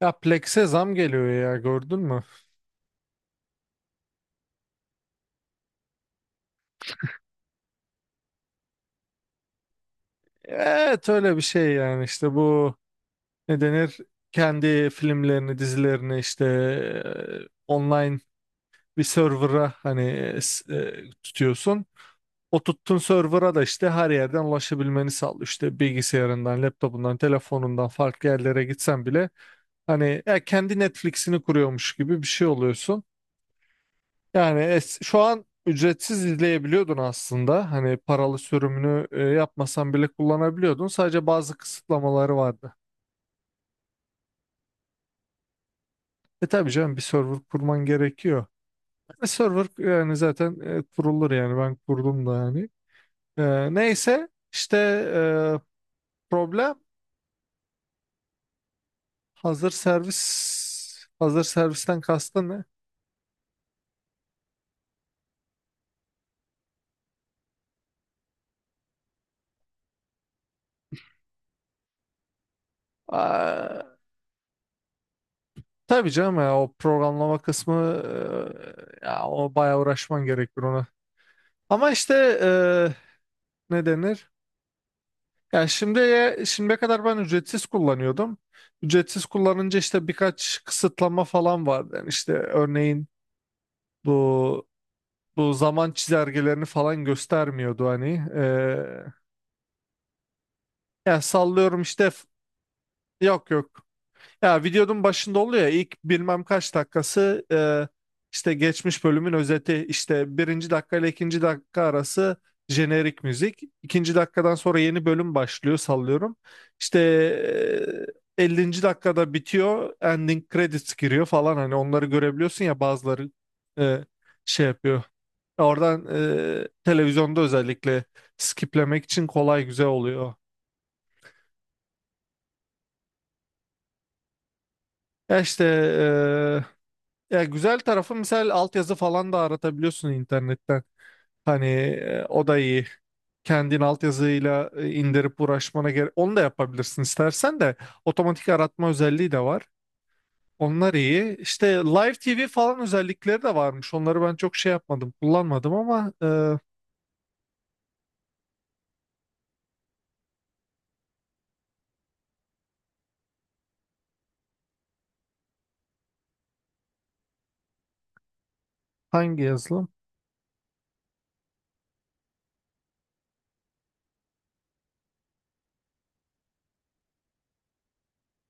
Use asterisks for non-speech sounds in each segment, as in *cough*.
Ya Plex'e zam geliyor ya gördün mü? Evet öyle bir şey yani işte bu ne denir? Kendi filmlerini, dizilerini işte online bir server'a hani tutuyorsun. O tuttuğun server'a da işte her yerden ulaşabilmeni sağlıyor. İşte bilgisayarından, laptopundan, telefonundan farklı yerlere gitsen bile hani ya kendi Netflix'ini kuruyormuş gibi bir şey oluyorsun. Yani şu an ücretsiz izleyebiliyordun aslında. Hani paralı sürümünü yapmasan bile kullanabiliyordun. Sadece bazı kısıtlamaları vardı. Tabii canım bir server kurman gerekiyor. Server yani zaten kurulur yani ben kurdum da yani. Neyse işte e, problem. Hazır servisten kastın ne? Aa, tabii canım ya o programlama kısmı, ya o bayağı uğraşman gerekir ona. Ama işte e, ne denir? Ya şimdiye kadar ben ücretsiz kullanıyordum. Ücretsiz kullanınca işte birkaç kısıtlama falan vardı. Yani işte örneğin bu bu zaman çizelgelerini falan göstermiyordu hani. Yani sallıyorum işte yok, yok. Ya videonun başında oluyor ya ilk bilmem kaç dakikası, işte geçmiş bölümün özeti, işte birinci dakika ile ikinci dakika arası jenerik müzik. İkinci dakikadan sonra yeni bölüm başlıyor sallıyorum. İşte 50. dakikada bitiyor, ending credits giriyor falan, hani onları görebiliyorsun ya bazıları e, şey yapıyor. Oradan televizyonda özellikle skiplemek için kolay, güzel oluyor. Ya işte e, Ya güzel tarafı misal altyazı falan da aratabiliyorsun internetten. Hani o da iyi. Kendin altyazıyla indirip uğraşmana gerek. Onu da yapabilirsin istersen de. Otomatik aratma özelliği de var. Onlar iyi. İşte Live TV falan özellikleri de varmış. Onları ben çok şey yapmadım, kullanmadım ama hangi yazılım?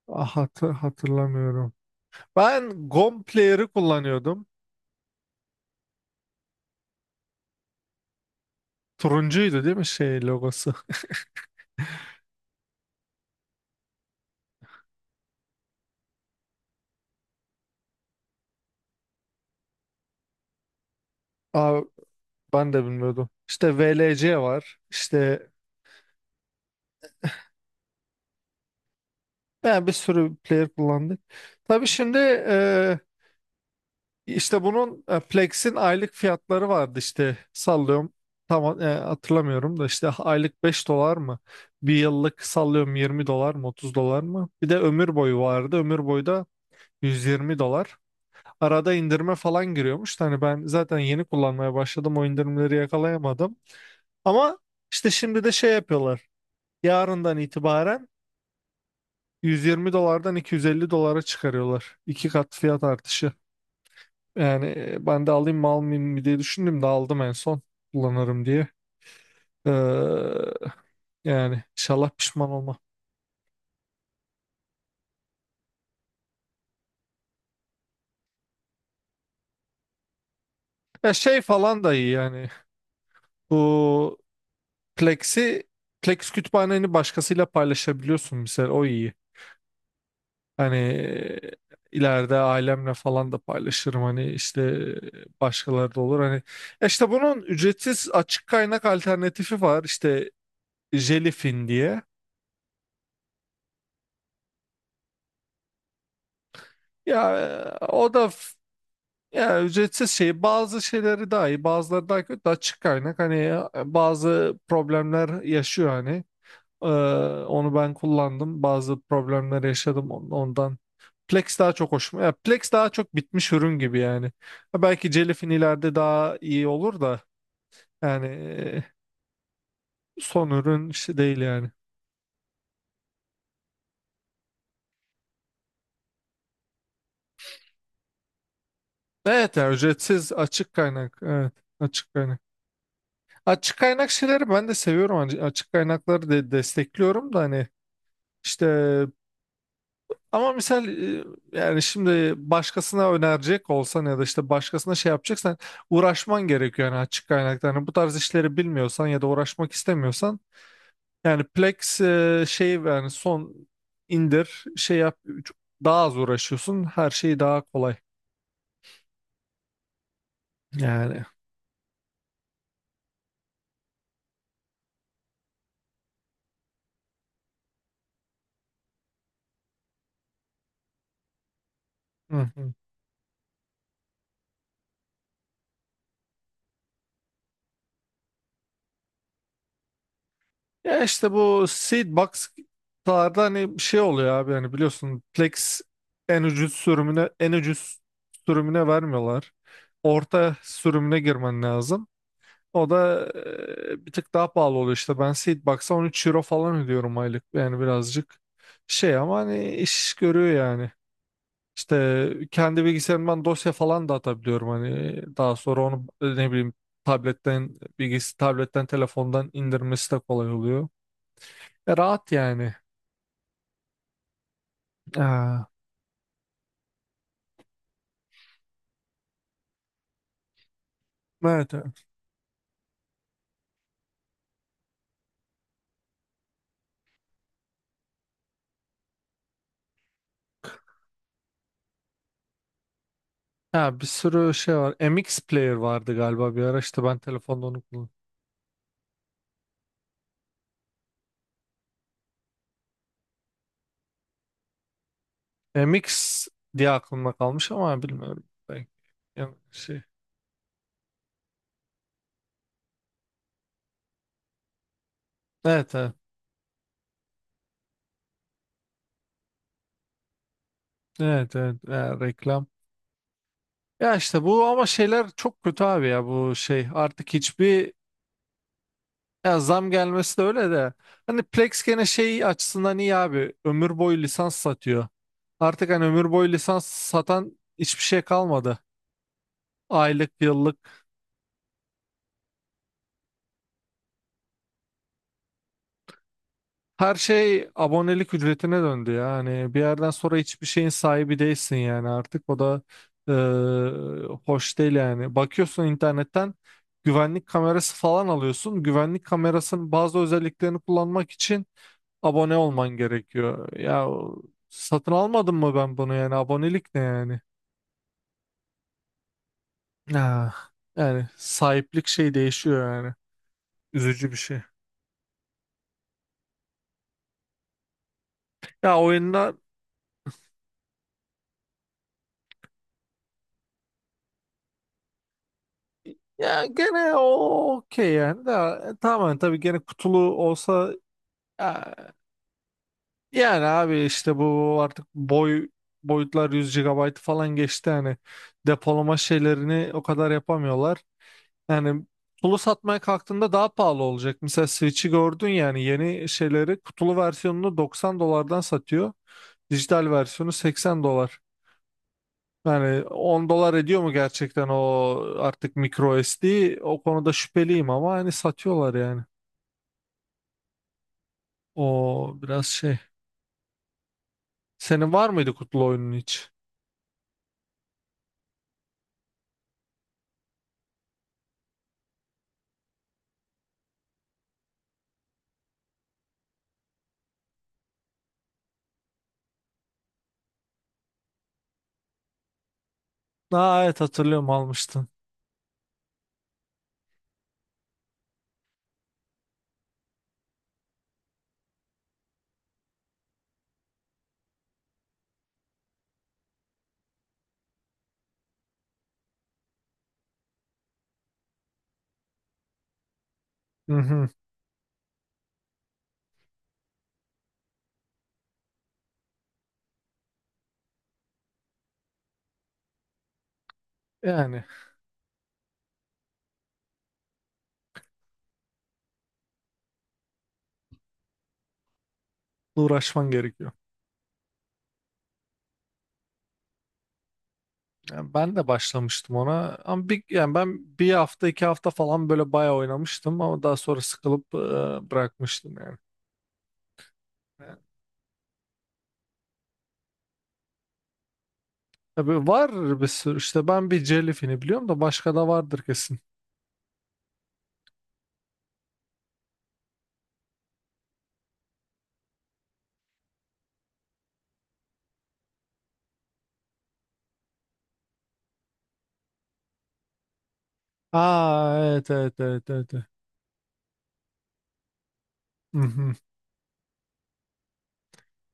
Ah, hatırlamıyorum. Ben GOM Player'ı kullanıyordum. Turuncuydu değil mi şey logosu? *laughs* Aa, ben de bilmiyordum. İşte VLC var. İşte, yani bir sürü player kullandık. Tabii şimdi işte bunun, Plex'in aylık fiyatları vardı işte sallıyorum. Tam hatırlamıyorum da işte aylık $5 mı? Bir yıllık sallıyorum $20 mı $30 mı? Bir de ömür boyu vardı. Ömür boyu da $120. Arada indirme falan giriyormuş. Hani ben zaten yeni kullanmaya başladım. O indirimleri yakalayamadım. Ama işte şimdi de şey yapıyorlar. Yarından itibaren 120 dolardan 250 dolara çıkarıyorlar. İki kat fiyat artışı. Yani ben de alayım mı almayayım mı diye düşündüm de aldım, en son kullanırım diye. Ee, Yani inşallah pişman olma. Ya şey falan da iyi yani. Bu Plex'i Plex kütüphaneni başkasıyla paylaşabiliyorsun mesela, o iyi. Hani ileride ailemle falan da paylaşırım, hani işte başkaları da olur hani. Ya işte bunun ücretsiz açık kaynak alternatifi var işte. Jellyfin diye. Ya, o da ya ücretsiz şey, bazı şeyleri daha iyi bazıları daha kötü açık kaynak, hani bazı problemler yaşıyor hani. Ee, Onu ben kullandım, bazı problemler yaşadım ondan. Plex daha çok bitmiş ürün gibi yani. Ha, belki Jellyfin ileride daha iyi olur da, yani son ürün işte değil yani. Evet, ya ücretsiz açık kaynak, evet, açık kaynak. Açık kaynak şeyleri ben de seviyorum. Hani açık kaynakları de destekliyorum da, hani işte, ama misal, yani şimdi başkasına önerecek olsan ya da işte başkasına şey yapacaksan uğraşman gerekiyor yani açık kaynakta. Hani bu tarz işleri bilmiyorsan ya da uğraşmak istemiyorsan, yani Plex şey yani, son indir şey yap, daha az uğraşıyorsun, her şey daha kolay yani. Hı. Ya işte bu seed box'larda hani bir şey oluyor abi, hani biliyorsun, Plex en ucuz sürümüne vermiyorlar. Orta sürümüne girmen lazım. O da bir tık daha pahalı oluyor işte. Ben seed box'a 13 euro falan ödüyorum aylık. Yani birazcık şey, ama hani iş görüyor yani. İşte kendi bilgisayarımdan dosya falan da atabiliyorum, hani daha sonra onu, ne bileyim, tabletten telefondan indirmesi de kolay oluyor. Rahat yani. Aa, evet. Evet. Ha, bir sürü şey var. MX Player vardı galiba bir ara, işte ben telefonda onu kullanıyorum. MX diye aklımda kalmış ama bilmiyorum. Ben- Yani şey. Evet, evet. Evet, evet. Ya, reklam. Ya işte bu ama şeyler çok kötü abi, ya bu şey. Artık hiçbir Ya, zam gelmesi de öyle de. Hani Plex gene şey açısından iyi abi. Ömür boyu lisans satıyor. Artık hani ömür boyu lisans satan hiçbir şey kalmadı. Aylık, yıllık. Her şey abonelik ücretine döndü ya. Hani bir yerden sonra hiçbir şeyin sahibi değilsin yani artık. O da e, hoş değil yani. Bakıyorsun internetten güvenlik kamerası falan alıyorsun. Güvenlik kamerasının bazı özelliklerini kullanmak için abone olman gerekiyor. Ya satın almadım mı ben bunu yani? Abonelik ne yani? Ah, yani sahiplik şey değişiyor yani. Üzücü bir şey. Ya oyunlar, ya gene o okey yani de, tamamen tabii gene kutulu olsa ya- yani abi işte bu artık boyutlar 100 GB falan geçti yani, depolama şeylerini o kadar yapamıyorlar. Yani kutulu satmaya kalktığında daha pahalı olacak. Mesela Switch'i gördün, yani yeni şeyleri kutulu versiyonunu $90'dan satıyor. Dijital versiyonu $80. Yani $10 ediyor mu gerçekten o artık micro SD? O konuda şüpheliyim ama hani satıyorlar yani. O biraz şey. Senin var mıydı kutulu oyunun hiç? Aa, evet hatırlıyorum, almıştın. Hı hı. Yani uğraşman gerekiyor. Yani ben de başlamıştım ona ama bir, yani ben bir hafta 2 hafta falan böyle bayağı oynamıştım ama daha sonra sıkılıp bırakmıştım yani. Yani tabii var bir sürü, işte ben bir Jellyfin'i biliyorum da başka da vardır kesin. Aa, evet evet evet evet. Evet. Mhm.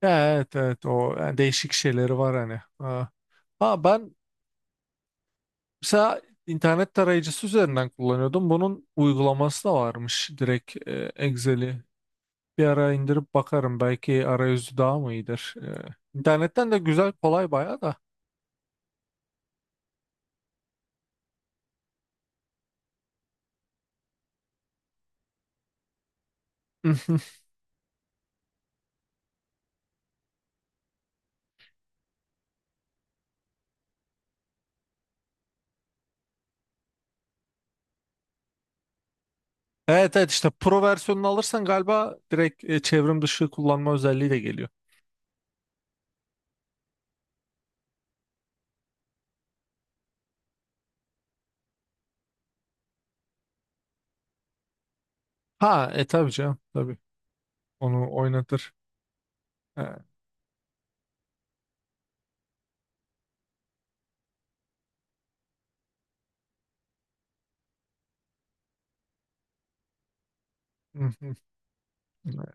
Evet, evet. O yani değişik şeyleri var hani. Ha. Ha, ben mesela internet tarayıcısı üzerinden kullanıyordum. Bunun uygulaması da varmış direkt, Excel'i. Bir ara indirip bakarım, belki arayüzü daha mı iyidir. İnternetten de güzel, kolay bayağı da. Mhm. Evet evet, işte pro versiyonunu alırsan galiba direkt, çevrim dışı kullanma özelliği de geliyor. Ha, tabii canım tabii. Onu oynatır. Ha, hı hı.